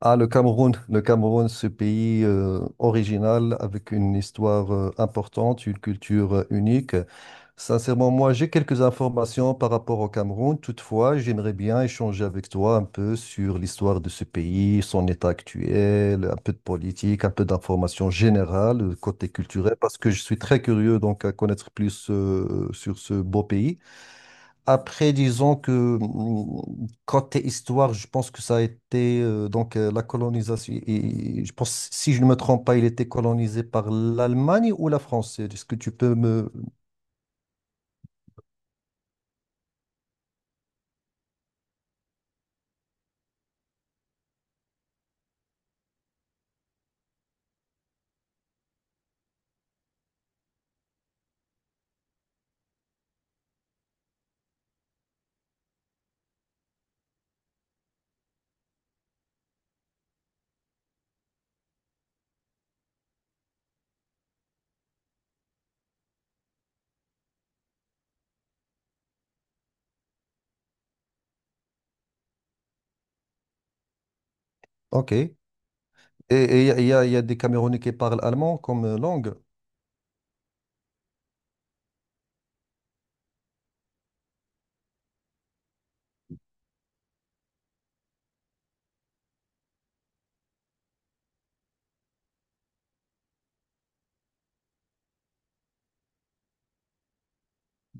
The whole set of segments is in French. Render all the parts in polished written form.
Ah, le Cameroun, ce pays original avec une histoire importante, une culture unique. Sincèrement, moi, j'ai quelques informations par rapport au Cameroun. Toutefois, j'aimerais bien échanger avec toi un peu sur l'histoire de ce pays, son état actuel, un peu de politique, un peu d'informations générales, côté culturel, parce que je suis très curieux donc à connaître plus sur ce beau pays. Après, disons que côté histoire, je pense que ça a été donc la colonisation. Et je pense, si je ne me trompe pas, il était colonisé par l'Allemagne ou la France. Est-ce que tu peux me... Ok. Et il y a, il y a il y a des Camerounais qui parlent allemand comme langue.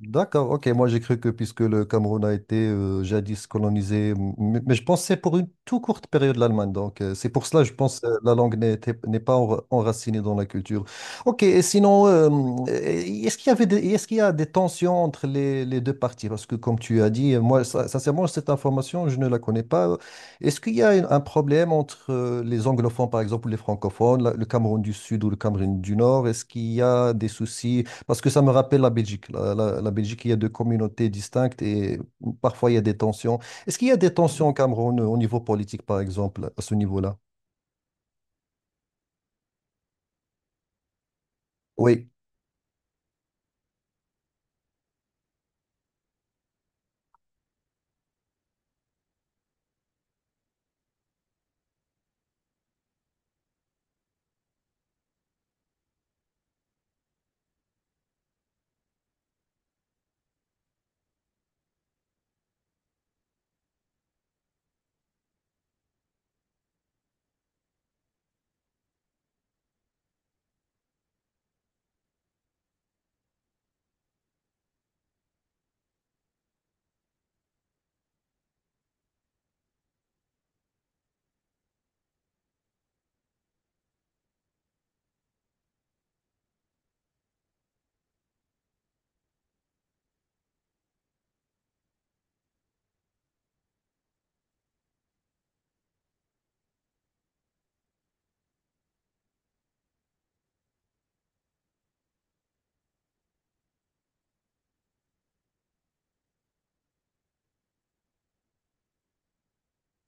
D'accord, ok. Moi, j'ai cru que puisque le Cameroun a été jadis colonisé, mais je pensais pour une toute courte période l'Allemagne. Donc, c'est pour cela, je pense, la langue n'est pas enracinée dans la culture. Ok, et sinon, est-ce qu'il y avait est-ce qu'il y a des tensions entre les deux parties? Parce que, comme tu as dit, moi, sincèrement, cette information, je ne la connais pas. Est-ce qu'il y a un problème entre les anglophones, par exemple, ou les francophones, le Cameroun du Sud ou le Cameroun du Nord? Est-ce qu'il y a des soucis? Parce que ça me rappelle la Belgique. La Belgique, il y a deux communautés distinctes et parfois il y a des tensions. Est-ce qu'il y a des tensions au Cameroun au niveau politique, par exemple, à ce niveau-là? Oui.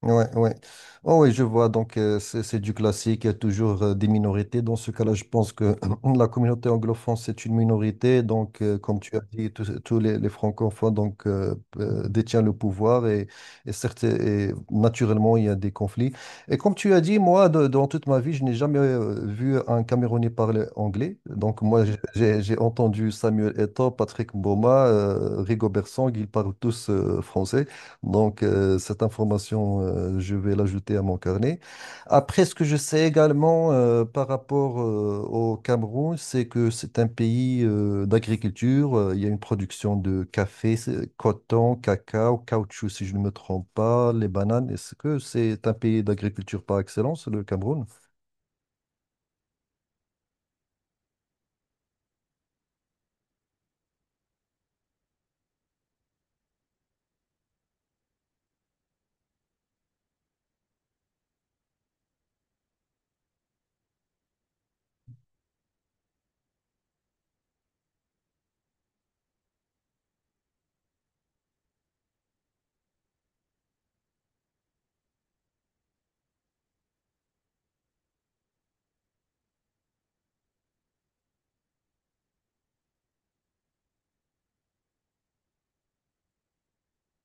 Ouais, ouais. Oh, oui, je vois. Donc, c'est du classique. Il y a toujours des minorités. Dans ce cas-là, je pense que la communauté anglophone, c'est une minorité. Donc, comme tu as dit, tous les francophones donc, détiennent le pouvoir et, certes, et naturellement, il y a des conflits. Et comme tu as dit, moi, dans toute ma vie, je n'ai jamais vu un Camerounais parler anglais. Donc, moi, j'ai entendu Samuel Eto'o, Patrick Mboma, Rigo Bersang, ils parlent tous français. Donc, cette information, je vais l'ajouter à mon carnet. Après, ce que je sais également par rapport au Cameroun, c'est que c'est un pays d'agriculture. Il y a une production de café, coton, cacao, caoutchouc, si je ne me trompe pas, les bananes. Est-ce que c'est un pays d'agriculture par excellence, le Cameroun?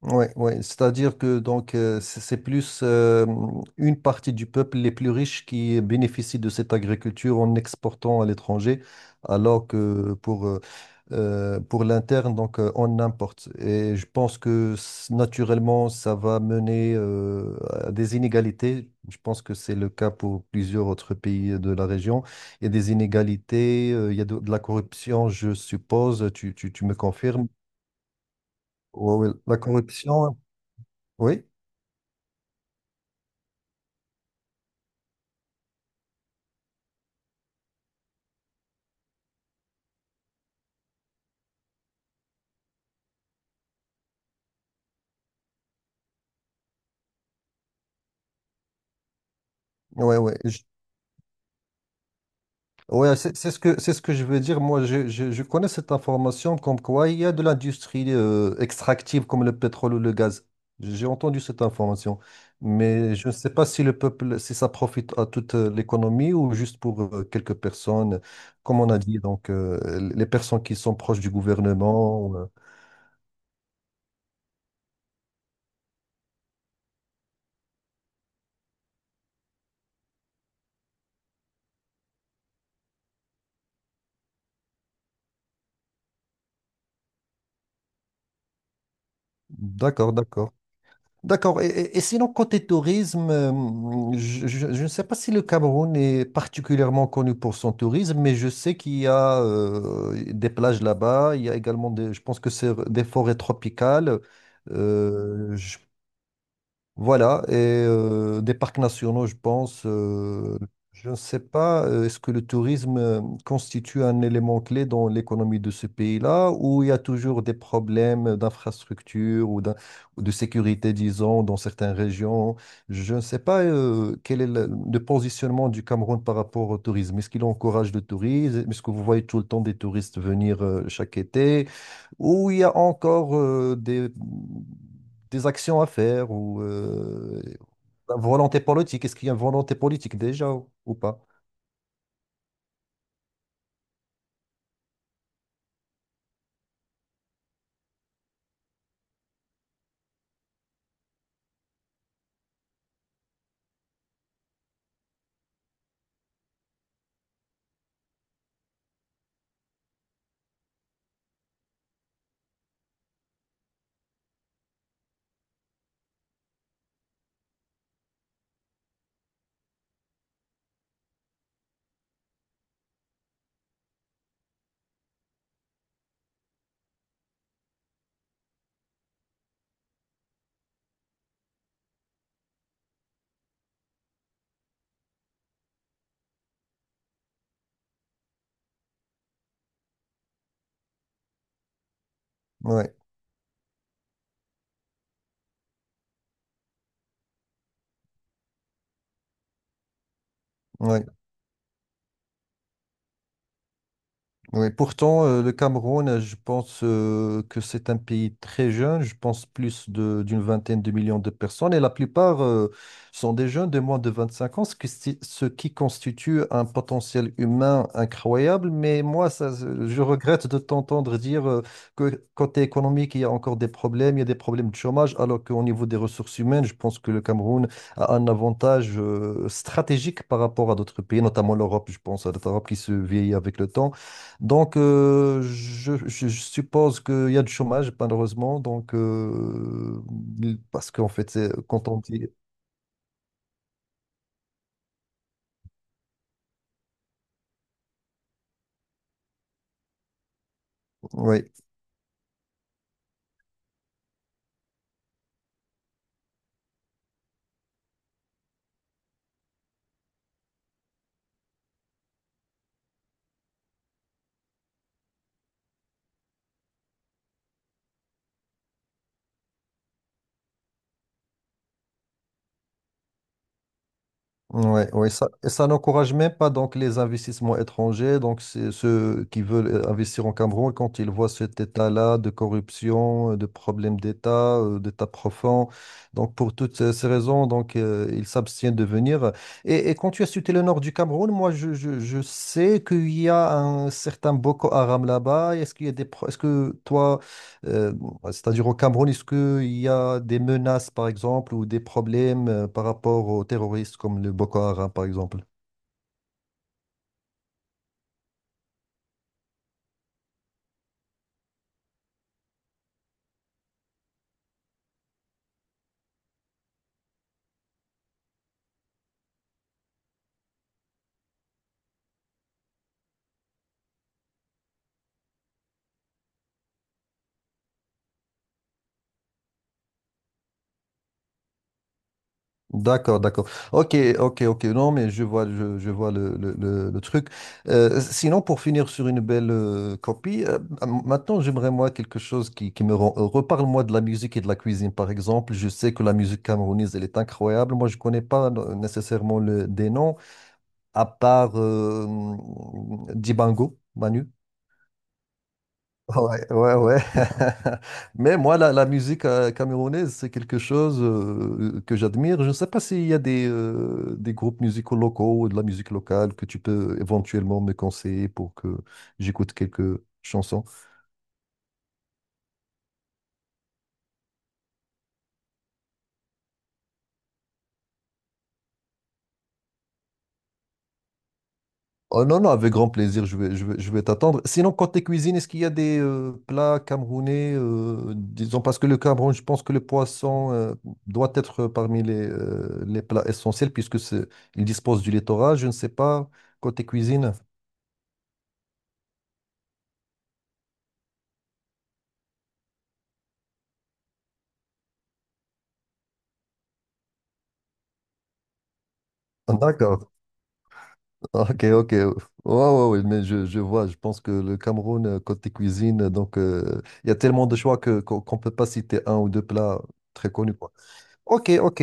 Ouais, ouais. C'est-à-dire que donc c'est plus une partie du peuple les plus riches qui bénéficient de cette agriculture en exportant à l'étranger, alors que pour l'interne donc on importe. Et je pense que naturellement ça va mener à des inégalités. Je pense que c'est le cas pour plusieurs autres pays de la région. Il y a des inégalités, il y a de la corruption, je suppose. Tu me confirmes? Ouais, ouais. La corruption, oui. Ouais, ouais, ouais, c'est ce que je veux dire. Moi, je connais cette information comme quoi il y a de l'industrie extractive comme le pétrole ou le gaz. J'ai entendu cette information. Mais je ne sais pas si le peuple, si ça profite à toute l'économie ou juste pour quelques personnes, comme on a dit, donc les personnes qui sont proches du gouvernement. D'accord, d'accord. D'accord. Et, et sinon, côté tourisme, je ne sais pas si le Cameroun est particulièrement connu pour son tourisme, mais je sais qu'il y a des plages là-bas. Il y a également je pense que c'est des forêts tropicales. Mhm. Je Voilà, et des parcs nationaux, je pense. Je ne sais pas, est-ce que le tourisme constitue un élément clé dans l'économie de ce pays-là, ou il y a toujours des problèmes d'infrastructure ou, ou de sécurité, disons, dans certaines régions? Je ne sais pas quel est le positionnement du Cameroun par rapport au tourisme. Est-ce qu'il encourage le tourisme? Est-ce que vous voyez tout le temps des touristes venir chaque été? Où il y a encore des actions à faire ou la volonté politique. Est-ce qu'il y a une volonté politique déjà ou pas? Ouais, ouais. Oui, pourtant, le Cameroun, je pense que c'est un pays très jeune, je pense plus d'une vingtaine de millions de personnes, et la plupart sont des jeunes de moins de 25 ans, ce qui, ce qui constitue un potentiel humain incroyable. Mais moi, ça, je regrette de t'entendre dire que côté économique, il y a encore des problèmes, il y a des problèmes de chômage, alors qu'au niveau des ressources humaines, je pense que le Cameroun a un avantage stratégique par rapport à d'autres pays, notamment l'Europe, je pense à l'Europe qui se vieillit avec le temps. Donc, je suppose qu'il y a du chômage, malheureusement. Donc, parce qu'en fait, c'est quand on dit, ouais. Ouais, ouais, ça, et ça n'encourage même pas donc les investissements étrangers, donc c'est ceux qui veulent investir en Cameroun quand ils voient cet état-là de corruption, de problèmes d'État, d'État profond. Donc pour toutes ces raisons, donc ils s'abstiennent de venir. Et quand tu as cité le nord du Cameroun, moi je sais qu'il y a un certain Boko Haram là-bas. Est-ce qu'il y a est-ce que toi euh, ouais, c'est-à-dire au Cameroun, est-ce qu'il y a des menaces, par exemple, ou des problèmes par rapport aux terroristes comme le Boko Haram, par exemple? D'accord, d'accord. Ok, ok, ok. Non, mais je vois, je vois le truc. Sinon, pour finir sur une belle copie, maintenant, j'aimerais, moi, quelque chose qui me rend heureux. Parle-moi de la musique et de la cuisine, par exemple. Je sais que la musique camerounaise, elle est incroyable. Moi, je connais pas nécessairement des noms, à part Dibango, Manu. Ouais, ouais, ouais. Mais moi, la musique camerounaise, c'est quelque chose que j'admire. Je ne sais pas s'il y a des groupes musicaux locaux ou de la musique locale que tu peux éventuellement me conseiller pour que j'écoute quelques chansons. Oh non, non, avec grand plaisir, je vais t'attendre. Sinon, côté cuisine, est-ce qu'il y a des plats camerounais, disons, parce que le Cameroun, je pense que le poisson doit être parmi les plats essentiels, puisque c'est, il dispose du littoral, je ne sais pas, côté cuisine. Ah, d'accord, ok, ok. Ouais, ouais, ouais, mais je vois, je pense que le Cameroun, côté cuisine, donc il y a tellement de choix que, qu'on peut pas citer un ou deux plats très connus, quoi. Ok, ok.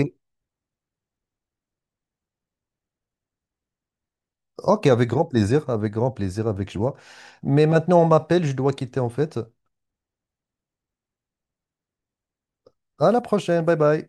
Ok, avec grand plaisir, avec grand plaisir, avec joie. Mais maintenant, on m'appelle, je dois quitter en fait. À la prochaine, bye bye.